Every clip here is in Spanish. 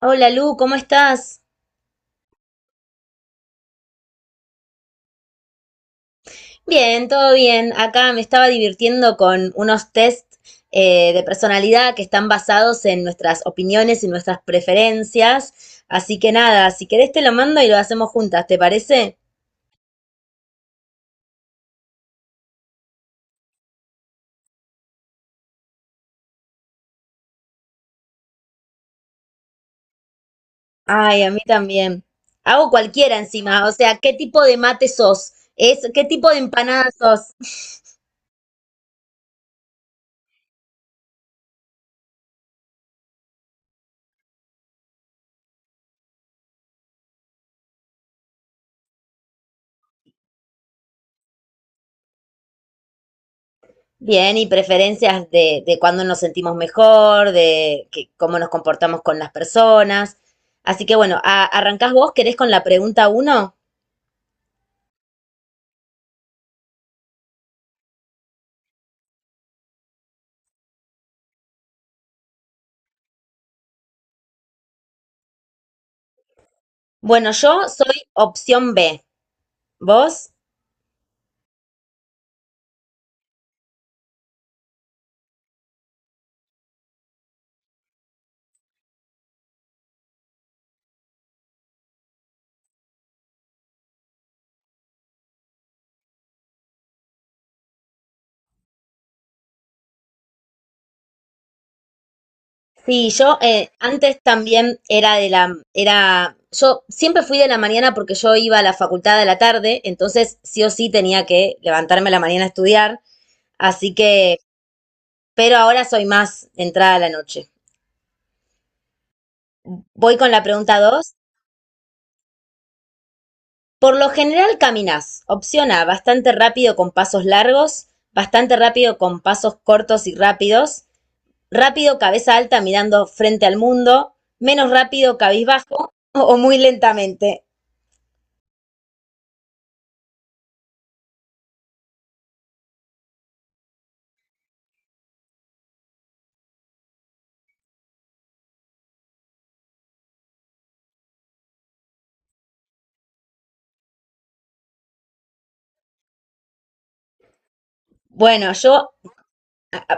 Hola Lu, ¿cómo estás? Bien, todo bien. Acá me estaba divirtiendo con unos test de personalidad que están basados en nuestras opiniones y nuestras preferencias. Así que nada, si querés te lo mando y lo hacemos juntas, ¿te parece? Ay, a mí también. Hago cualquiera encima. O sea, ¿qué tipo de mate sos? Es, ¿qué tipo de empanada sos? Bien, y preferencias de cuándo nos sentimos mejor, de que- cómo nos comportamos con las personas. Así que bueno, a- ¿arrancás vos? ¿Querés con la pregunta uno? Bueno, yo soy opción B. ¿Vos? Sí, yo antes también era de la, era, yo siempre fui de la mañana porque yo iba a la facultad de la tarde, entonces sí o sí tenía que levantarme a la mañana a estudiar, así que, pero ahora soy más entrada a la noche. Voy con la pregunta dos. Por lo general caminas, opción A, bastante rápido con pasos largos, bastante rápido con pasos cortos y rápidos, rápido cabeza alta mirando frente al mundo, menos rápido cabizbajo o muy lentamente. Bueno, yo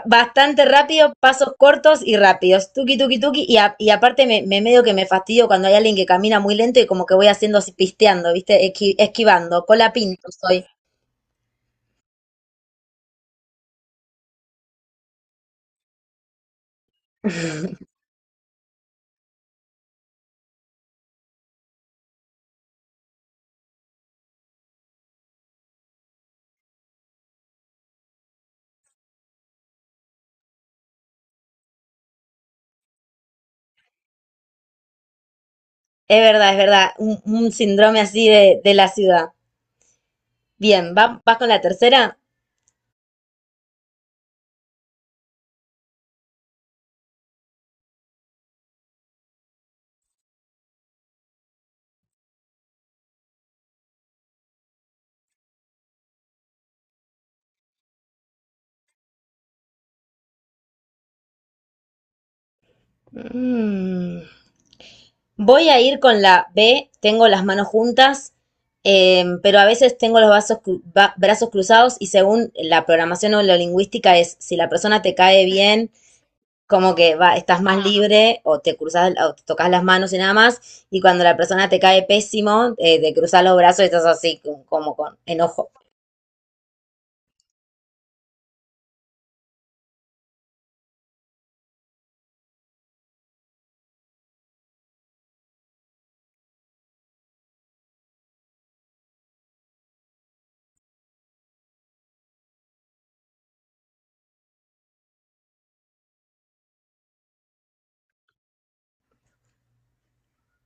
bastante rápido, pasos cortos y rápidos, tuki tuki tuki, y, a- y aparte me medio que me fastidio cuando hay alguien que camina muy lento y como que voy haciendo así pisteando, ¿viste? Esqui- esquivando, cola pinto soy. Es verdad, un síndrome así de la ciudad. Bien, ¿va, va con la tercera? Mm, voy a ir con la B, tengo las manos juntas, pero a veces tengo los vasos cru- ba- brazos cruzados y según la programación o la lingüística es si la persona te cae bien, como que va, estás más libre o te cruzas o te tocas las manos y nada más, y cuando la persona te cae pésimo, te cruzas los brazos y estás así como con enojo.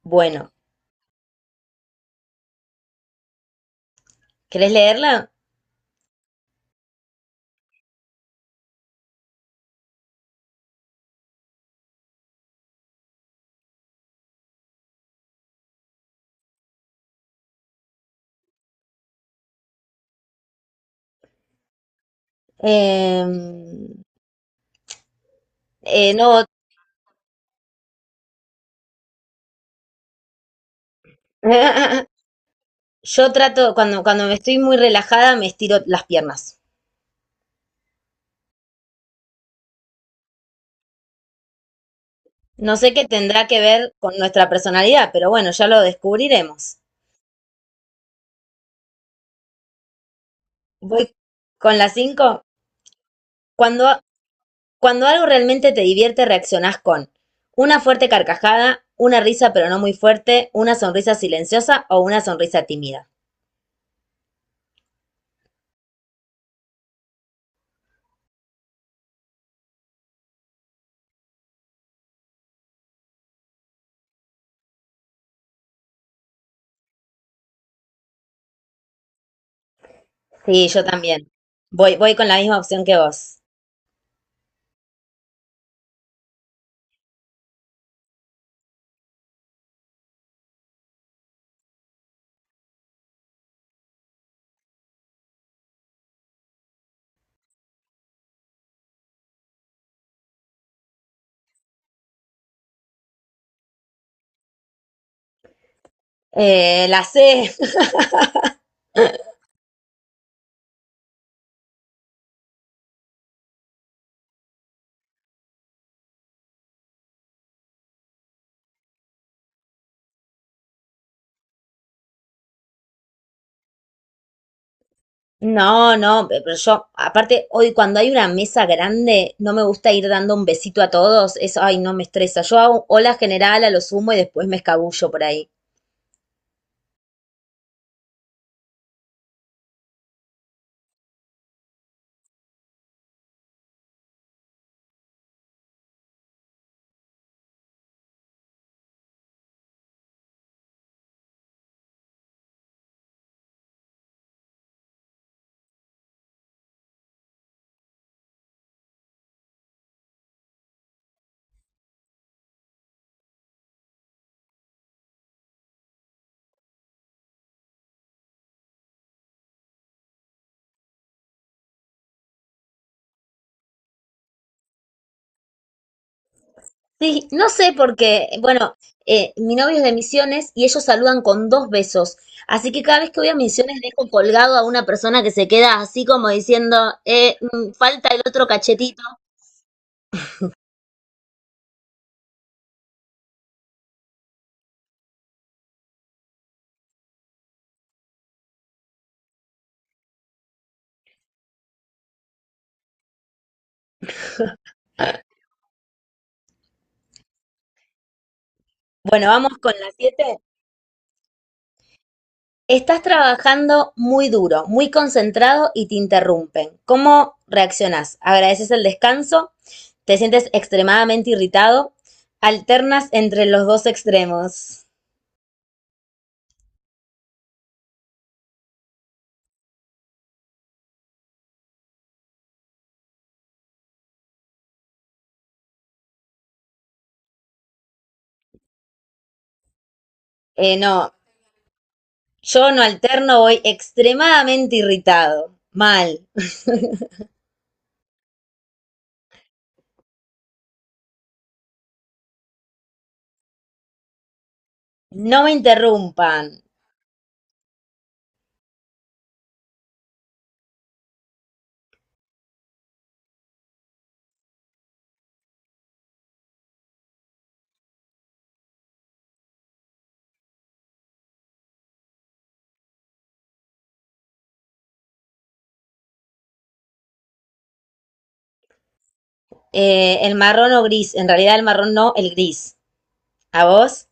Bueno, ¿querés leerla? Em, no. Yo trato, cuando me estoy muy relajada, me estiro las piernas. No sé qué tendrá que ver con nuestra personalidad, pero bueno, ya lo descubriremos. Voy con la cinco. Cuando, Cuando algo realmente te divierte, reaccionás con una fuerte carcajada, una risa pero no muy fuerte, una sonrisa silenciosa o una sonrisa tímida. Sí, yo también. Voy con la misma opción que vos. La C. No, no, pe- pero yo, aparte, hoy cuando hay una mesa grande, no me gusta ir dando un besito a todos. Eso, ay, no me estresa. Yo hago hola general a lo sumo y después me escabullo por ahí. Sí, no sé porque, bueno, mi novio es de Misiones y ellos saludan con dos besos. Así que cada vez que voy a Misiones dejo colgado a una persona que se queda así como diciendo, falta el otro cachetito. Bueno, vamos con las siete. Estás trabajando muy duro, muy concentrado y te interrumpen. ¿Cómo reaccionás? ¿Agradeces el descanso? ¿Te sientes extremadamente irritado? ¿Alternas entre los dos extremos? Eh, no, yo no alterno, voy extremadamente irritado. Mal. No me interrumpan. El marrón o gris. En realidad el marrón no, el gris. ¿A vos?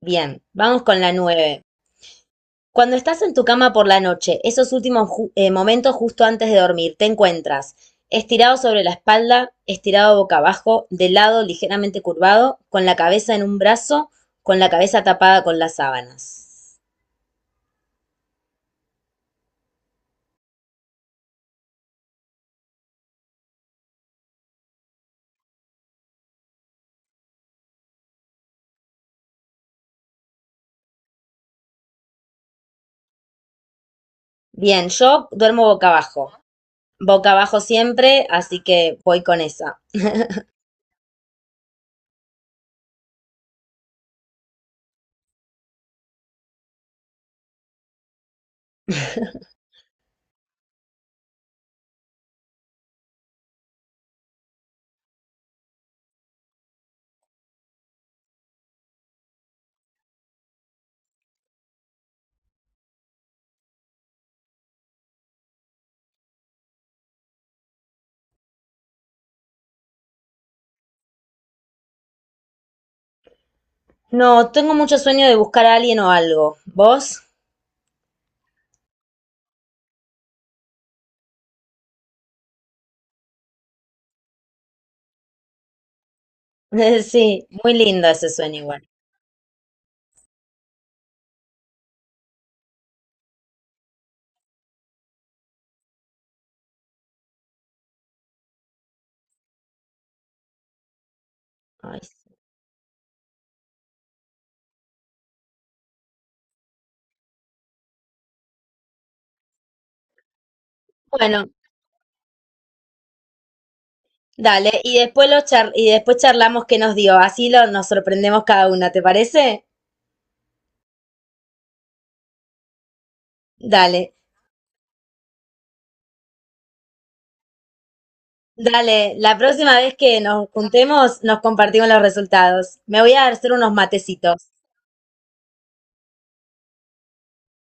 Bien. Vamos con la nueve. Cuando estás en tu cama por la noche, esos últimos ju- momentos justo antes de dormir, te encuentras estirado sobre la espalda, estirado boca abajo, de lado ligeramente curvado, con la cabeza en un brazo, con la cabeza tapada con las sábanas. Bien, yo duermo boca abajo siempre, así que voy con esa. No, tengo mucho sueño de buscar a alguien o algo. ¿Vos? Sí, muy lindo ese sueño igual. Ay, sí. Bueno, dale, y después lo char- y después charlamos qué nos dio, así lo, nos sorprendemos cada una, ¿te parece? Dale, Dale, la próxima vez que nos juntemos nos compartimos los resultados. Me voy a hacer unos matecitos.